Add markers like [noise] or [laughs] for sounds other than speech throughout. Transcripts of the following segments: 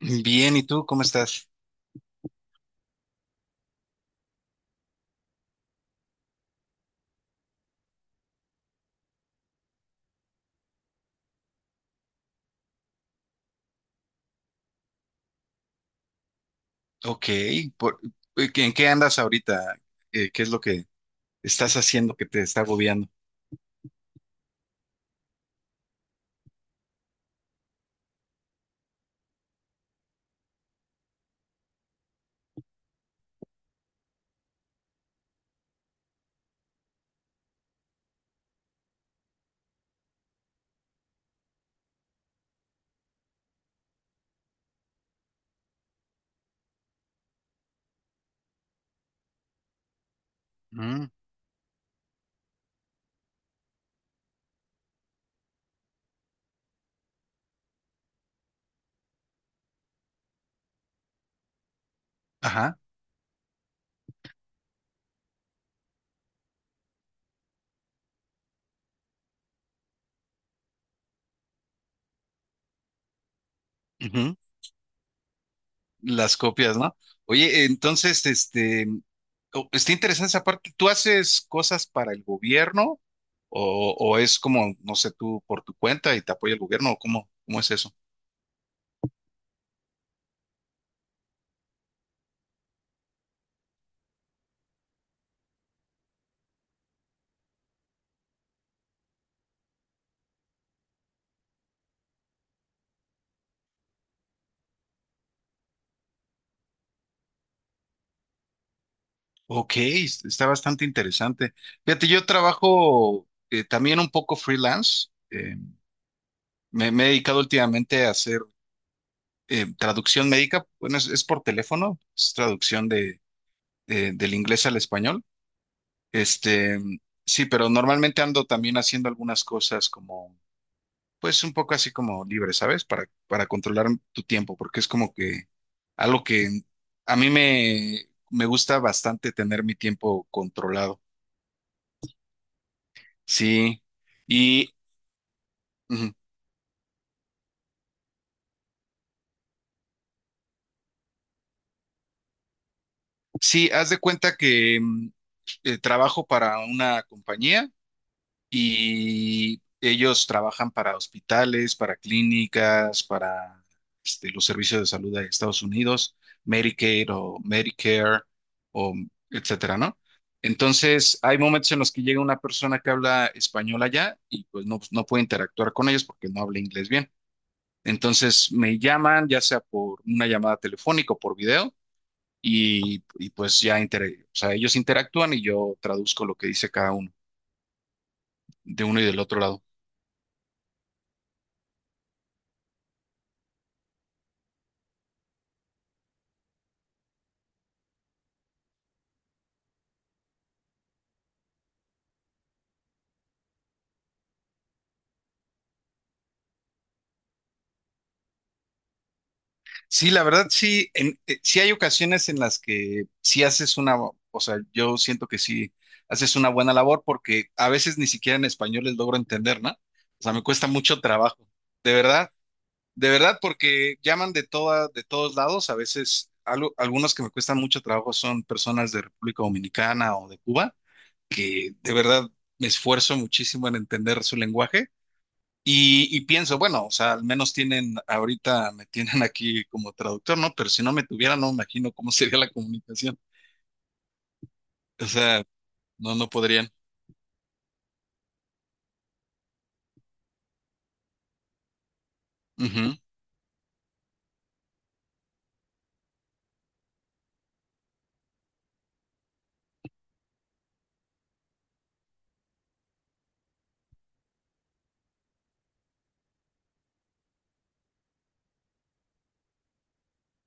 Bien, ¿y tú cómo estás? Ok, por- ¿en qué andas ahorita? ¿Qué es lo que estás haciendo que te está agobiando? Mm, ajá, ujú. Las copias, ¿no? Oye, entonces, este, está interesante esa parte. ¿Tú haces cosas para el gobierno o es como, no sé, tú por tu cuenta y te apoya el gobierno o cómo, cómo es eso? Ok, está bastante interesante. Fíjate, yo trabajo también un poco freelance. Eh, me he dedicado últimamente a hacer traducción médica. Bueno, es por teléfono, es traducción de, del inglés al español. Este, sí, pero normalmente ando también haciendo algunas cosas como, pues un poco así como libre, ¿sabes? Para controlar tu tiempo, porque es como que algo que a mí me, me gusta bastante tener mi tiempo controlado. Sí, y ujú. Sí, haz de cuenta que trabajo para una compañía. Y ellos trabajan para hospitales, para clínicas, para este, los servicios de salud de Estados Unidos, Medicaid o Medicare o etcétera, ¿no? Entonces, hay momentos en los que llega una persona que habla español allá y pues no, no puede interactuar con ellos porque no habla inglés bien. Entonces, me llaman ya sea por una llamada telefónica o por video y pues ya o sea, ellos interactúan y yo traduzco lo que dice cada uno, de uno y del otro lado. Sí, la verdad sí, sí hay ocasiones en las que sí haces una, o sea, yo siento que sí haces una buena labor porque a veces ni siquiera en español les logro entender, ¿no? O sea, me cuesta mucho trabajo, de verdad, de verdad, porque llaman de toda, de todos lados, a veces algunos que me cuestan mucho trabajo son personas de República Dominicana o de Cuba, que de verdad me esfuerzo muchísimo en entender su lenguaje y pienso, bueno, o sea, al menos tienen, ahorita me tienen aquí como traductor, ¿no? Pero si no me tuvieran, no me imagino cómo [laughs] sería la comunicación. O sea, no, no podrían. Ujú.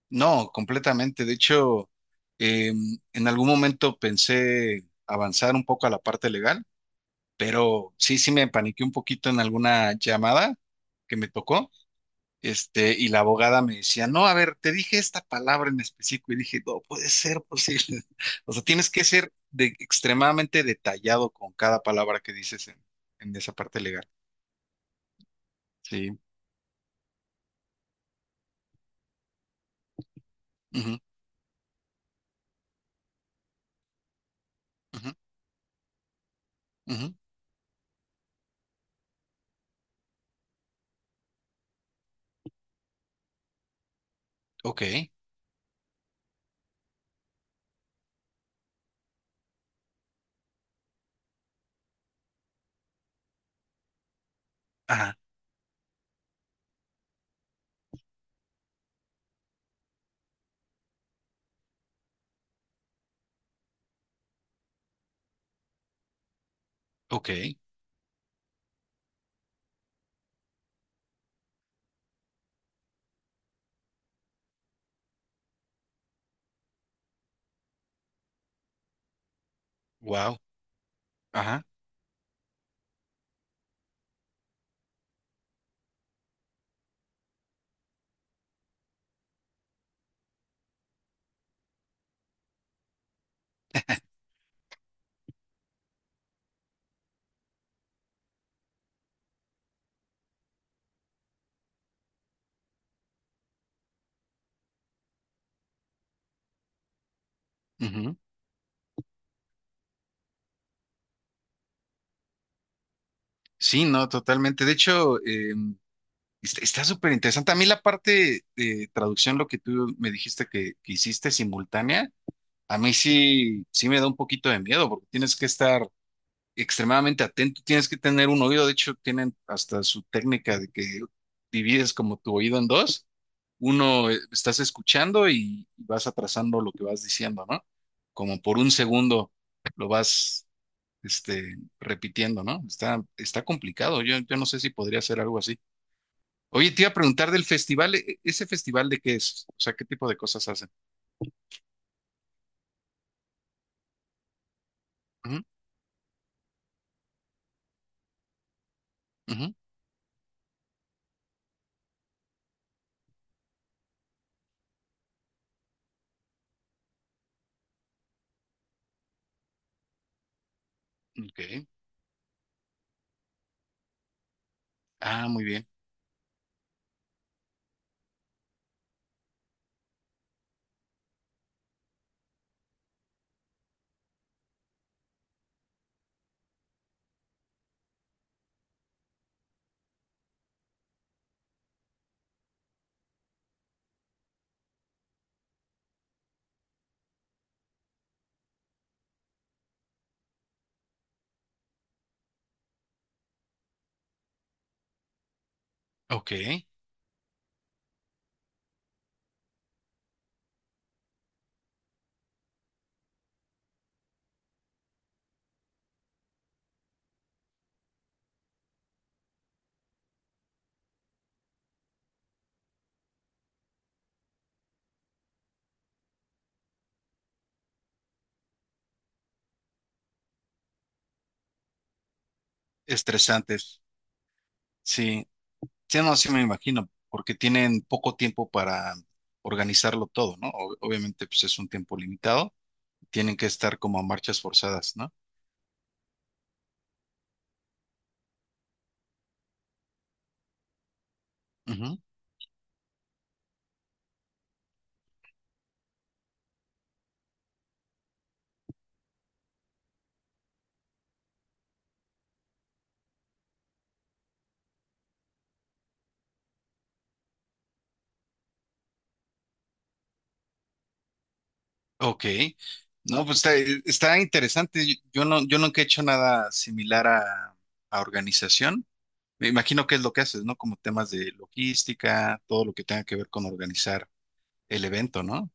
No, completamente. De hecho, en algún momento pensé avanzar un poco a la parte legal, pero sí, sí me paniqué un poquito en alguna llamada que me tocó. Este, y la abogada me decía, no, a ver, te dije esta palabra en específico y dije, no puede ser posible. [laughs] O sea, tienes que ser extremadamente detallado con cada palabra que dices en esa parte legal. Sí. Ujú, ujú, ujú. Ok. Ajá. Ok. Wow. Ajá. Ujú. Sí, no, totalmente. De hecho, está está súper interesante. A mí la parte de traducción, lo que tú me dijiste que hiciste simultánea, a mí sí, sí me da un poquito de miedo porque tienes que estar extremadamente atento, tienes que tener un oído, de hecho tienen hasta su técnica de que divides como tu oído en dos, uno estás escuchando y vas atrasando lo que vas diciendo, ¿no? Como por un segundo lo vas, este, repitiendo, ¿no? Está, está complicado, yo no sé si podría hacer algo así. Oye, te iba a preguntar del festival, ¿ese festival de qué es? O sea, ¿qué tipo de cosas hacen? Ujú, ujú, ok. Ah, muy bien. Ok. Estresantes. Sí. Sí, no, sí me imagino, porque tienen poco tiempo para organizarlo todo, ¿no? Obviamente, pues es un tiempo limitado, tienen que estar como a marchas forzadas, ¿no? Ujú. Ok. No, pues está, está interesante. Yo nunca he hecho nada similar a organización. Me imagino que es lo que haces, ¿no? Como temas de logística, todo lo que tenga que ver con organizar el evento, no.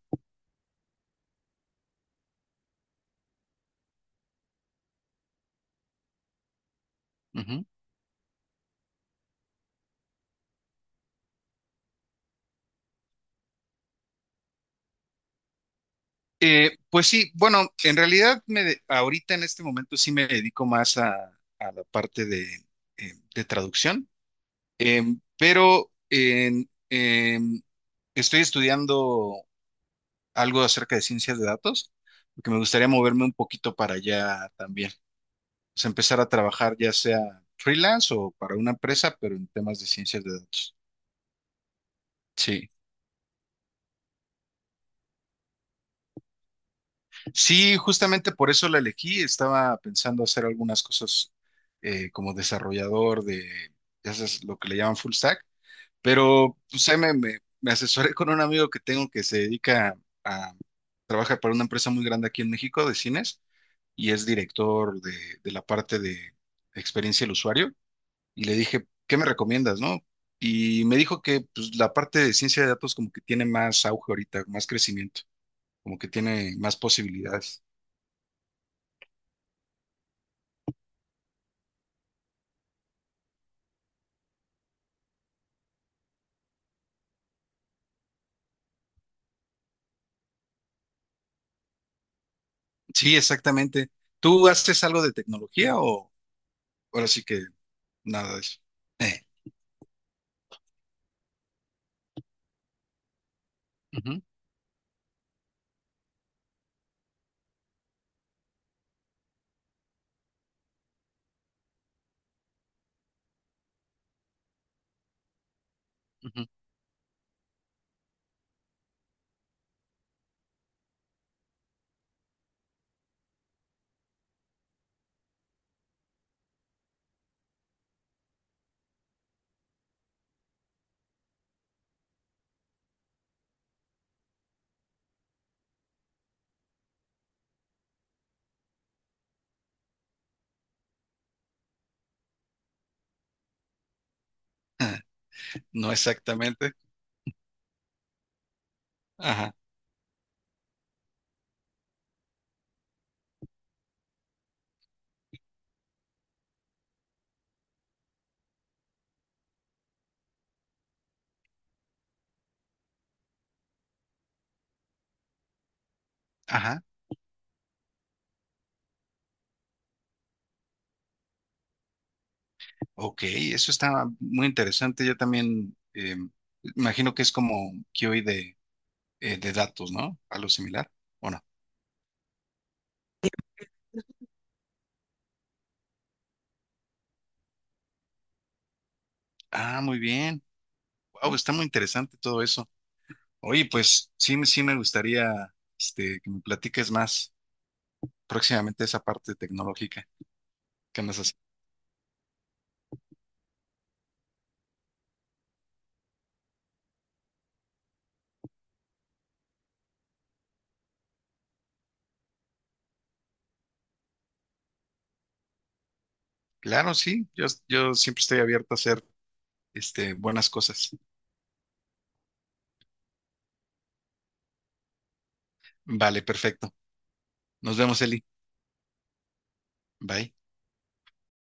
Pues sí, bueno, en realidad ahorita en este momento sí me dedico más a la parte de traducción. Pero estoy estudiando algo acerca de ciencias de datos, porque me gustaría moverme un poquito para allá también. O sea, empezar a trabajar ya sea freelance o para una empresa, pero en temas de ciencias de datos. Sí. Sí, justamente por eso la elegí. Estaba pensando hacer algunas cosas como desarrollador de, ya sabes, lo que le llaman full stack, pero pues, ahí me asesoré con un amigo que tengo que se dedica a, trabaja para una empresa muy grande aquí en México de cines y es director de la parte de experiencia del usuario. Y le dije, ¿qué me recomiendas, no? Y me dijo que pues, la parte de ciencia de datos como que tiene más auge ahorita, más crecimiento, como que tiene más posibilidades. Sí, exactamente. ¿Tú haces algo de tecnología o ahora sí que nada de eso? Eh, ujú, ujú. No exactamente. Ajá, ajá. Ok, eso está muy interesante. Yo también imagino que es como QA de datos, ¿no? Algo similar, ¿o no? Ah, muy bien. Wow, está muy interesante todo eso. Oye, pues sí, sí me gustaría este, que me platiques más próximamente esa parte tecnológica. ¿Qué más haces? Claro, sí. Yo siempre estoy abierto a hacer este, buenas cosas. Vale, perfecto. Nos vemos, Eli. Bye.